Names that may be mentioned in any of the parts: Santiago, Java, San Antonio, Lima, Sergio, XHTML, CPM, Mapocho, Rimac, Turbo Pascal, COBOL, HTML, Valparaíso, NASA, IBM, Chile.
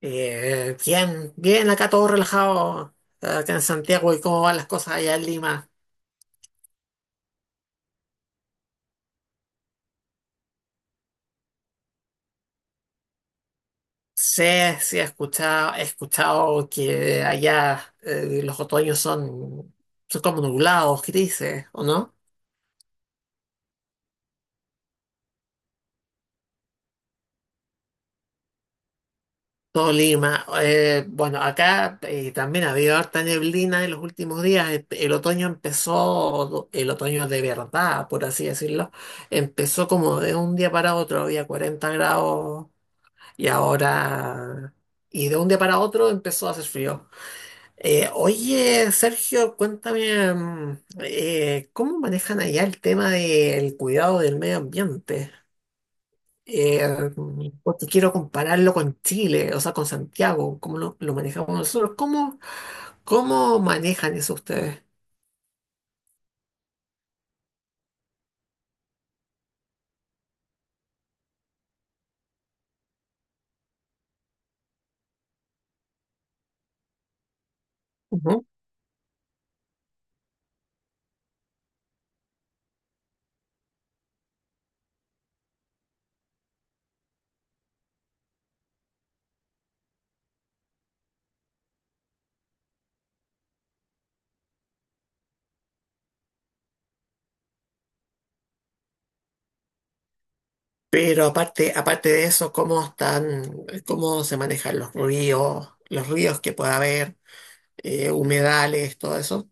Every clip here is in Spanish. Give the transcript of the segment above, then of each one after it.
Bien, bien, acá todo relajado, acá en Santiago. ¿Y cómo van las cosas allá en Lima? Sí, he escuchado que allá los otoños son, son como nublados, grises, ¿o no? Todo Lima. Bueno, acá también ha habido harta neblina en los últimos días. El otoño empezó, el otoño de verdad, por así decirlo, empezó como de un día para otro, había 40 grados. Y ahora, y de un día para otro empezó a hacer frío. Oye, Sergio, cuéntame, ¿cómo manejan allá el tema del cuidado del medio ambiente? Eh, Porque quiero compararlo con Chile, o sea, con Santiago. ¿Cómo lo manejamos nosotros? ¿Cómo, cómo manejan eso ustedes? Ujú. Pero aparte, aparte de eso, ¿cómo están, cómo se manejan los ríos que pueda haber, humedales, todo eso?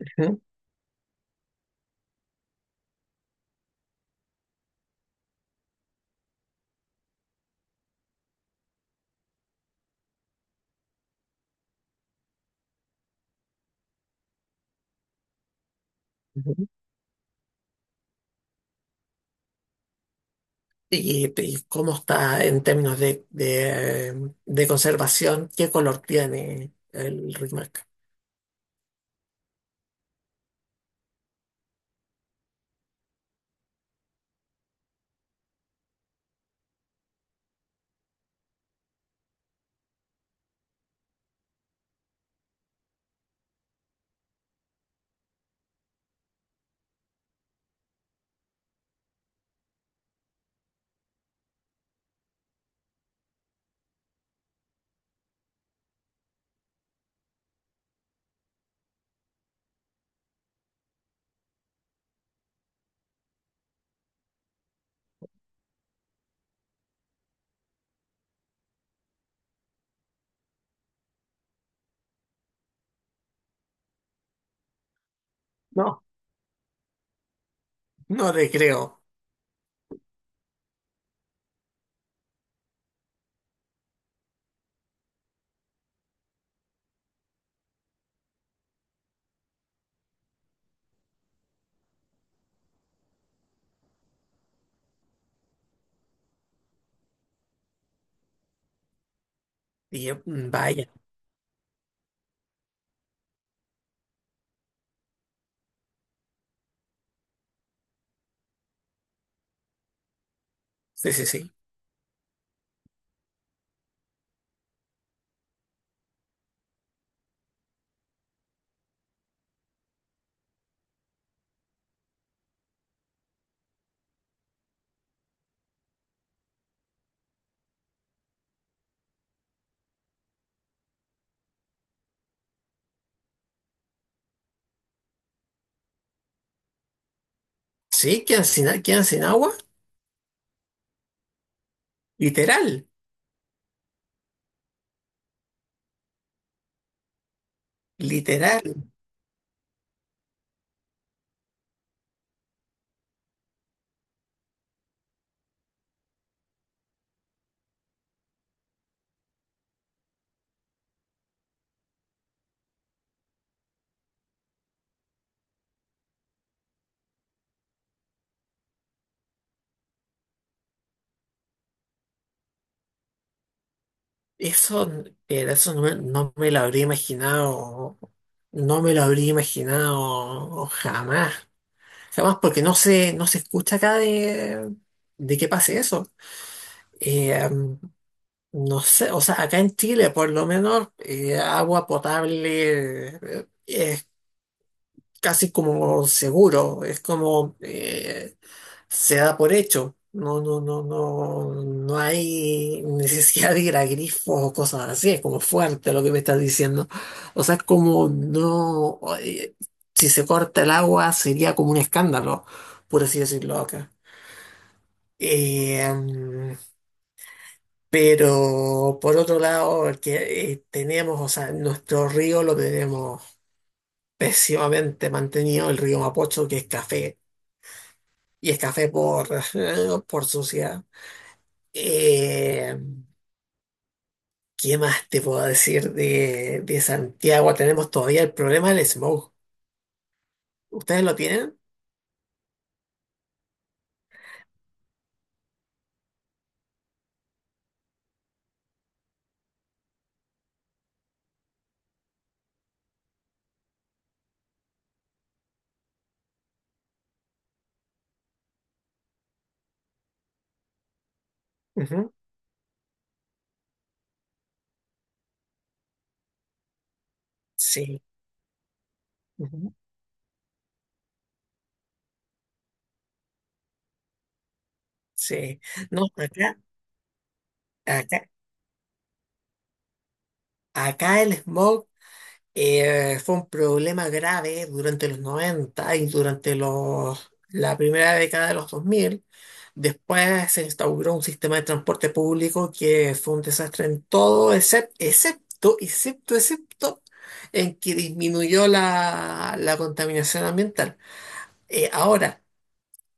Ujú, ujú. Y cómo está en términos de, de conservación? ¿Qué color tiene el Rimac? No, no te creo. Y yo, vaya, sí, sí, sí. Sí, quedan sin, a- quedan sin agua, literal, literal. Eso, era- eso no, me no me lo habría imaginado, no me lo habría imaginado jamás, jamás, porque no se, no se escucha acá de que pase eso. Eh, em, No sé, o sea, acá en Chile por lo menos agua potable es casi como seguro, es como se da por hecho. No, no, no, no, no hay necesidad de ir a grifos o cosas así, es como fuerte lo que me estás diciendo. O sea, es como no, si se corta el agua sería como un escándalo, por así decirlo acá. Eh, Pero por otro lado, el que tenemos, o sea, nuestro río lo tenemos pésimamente mantenido, el río Mapocho, que es café, y es café por, por suciedad. Eh, ¿Qué más te puedo decir de Santiago? Tenemos todavía el problema del smog. ¿Ustedes lo tienen? Ujú, sí, ujú, sí. No, acá, acá, acá el smog. Fue un problema grave durante los 90 y durante los, la primera década de los 2000. Después se instauró un sistema de transporte público que fue un desastre en todo, excepto, en que disminuyó la, la contaminación ambiental. Ahora,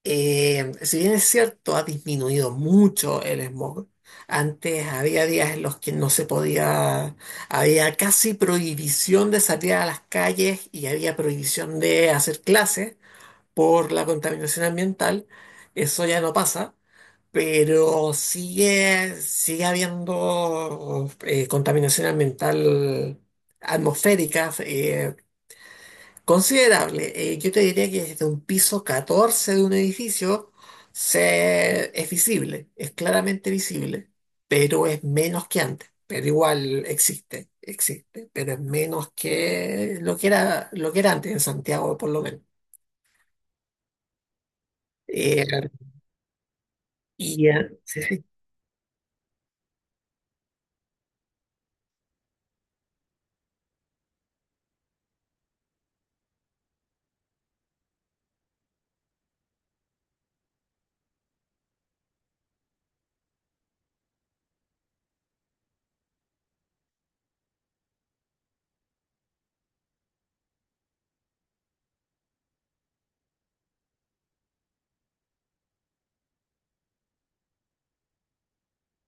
si bien es cierto, ha disminuido mucho el smog. Antes había días en los que no se podía, había casi prohibición de salir a las calles y había prohibición de hacer clases por la contaminación ambiental. Eso ya no pasa, pero sigue, sigue habiendo contaminación ambiental atmosférica. Considerable. Yo te diría que desde un piso 14 de un edificio se, es visible, es claramente visible, pero es menos que antes. Pero igual existe, existe, pero es menos que lo que era antes en Santiago, por lo menos. Claro. Y sí, sí.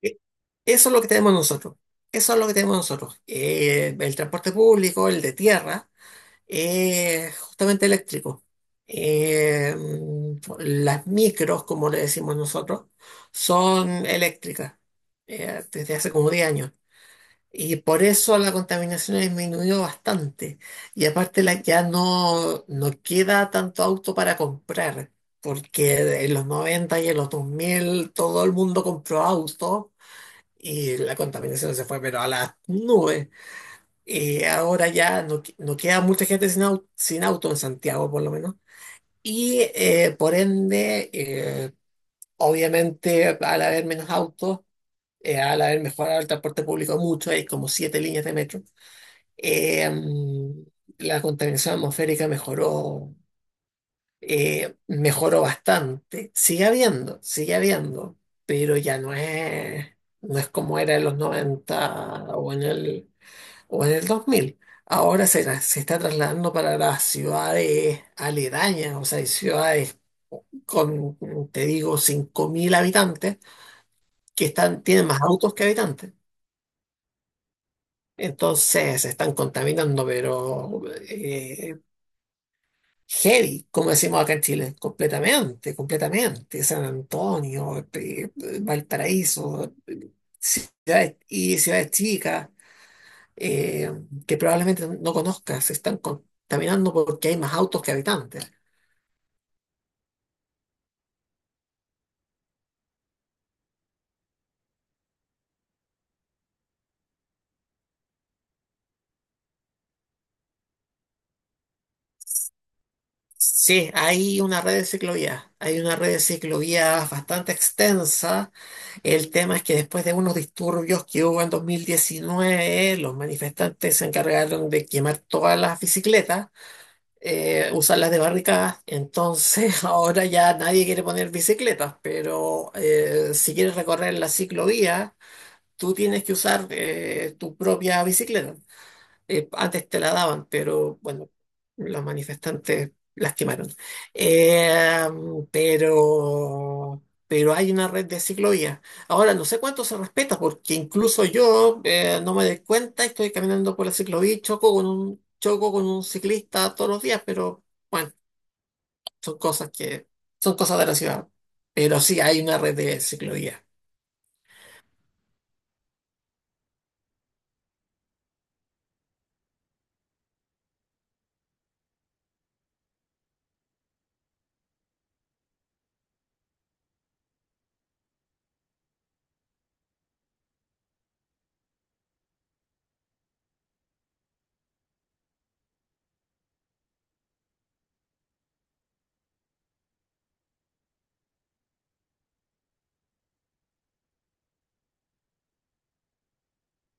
Eh, Eso es lo que tenemos nosotros. Eso es lo que tenemos nosotros. El transporte público, el de tierra. Justamente eléctrico. Las micros, como le decimos nosotros, son eléctricas desde hace como 10 años. Y por eso la contaminación ha disminuido bastante. Y aparte la, ya no, no queda tanto auto para comprar, porque en los 90 y en los 2000 todo el mundo compró auto y la contaminación se fue pero a las nubes. Ahora ya no, que- no queda mucha gente sin auto, sin auto en Santiago, por lo menos. Y por ende, obviamente, al haber menos autos, al haber mejorado el transporte público mucho, hay como 7 líneas de metro, eh, mm, la contaminación atmosférica mejoró, mejoró bastante. Sigue habiendo, pero ya no es, no es como era en los 90 o en el 2000. Ahora se, tra- se está trasladando para las ciudades aledañas, o sea, hay ciudades con, te digo, 5000 habitantes que están, tienen más autos que habitantes. Entonces se están contaminando, pero eh, heavy, como decimos acá en Chile, completamente, completamente. San Antonio, Valparaíso, ciudades, y ciudades chicas eh, que probablemente no conozcas, se están contaminando porque hay más autos que habitantes. Sí, hay una red de ciclovías, hay una red de ciclovías bastante extensa. El tema es que después de unos disturbios que hubo en 2019, los manifestantes se encargaron de quemar todas las bicicletas, usarlas de barricadas. Entonces ahora ya nadie quiere poner bicicletas, pero si quieres recorrer la ciclovía, tú tienes que usar tu propia bicicleta, antes te la daban, pero bueno, los manifestantes lastimaron. Eh, pero hay una red de ciclovías. Ahora, no sé cuánto se respeta, porque incluso yo no me doy cuenta, estoy caminando por la ciclovía y choco con un ciclista todos los días, pero bueno, son cosas que son cosas de la ciudad. Pero sí hay una red de ciclovías.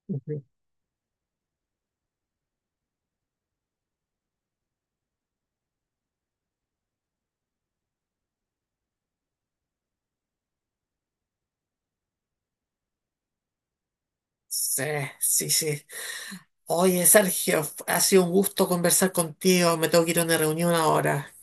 Ujú. Sí, sí, sí. Oye, Sergio, ha sido un gusto conversar contigo. Me tengo que ir a una reunión ahora.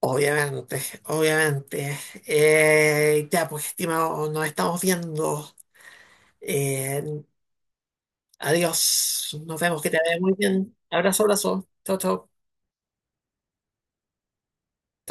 Obviamente, obviamente. Ya, pues, estimado, nos estamos viendo. Eh, Adiós. Nos vemos, que te vaya muy bien. Abrazo, abrazo. Chao, chao. Chao.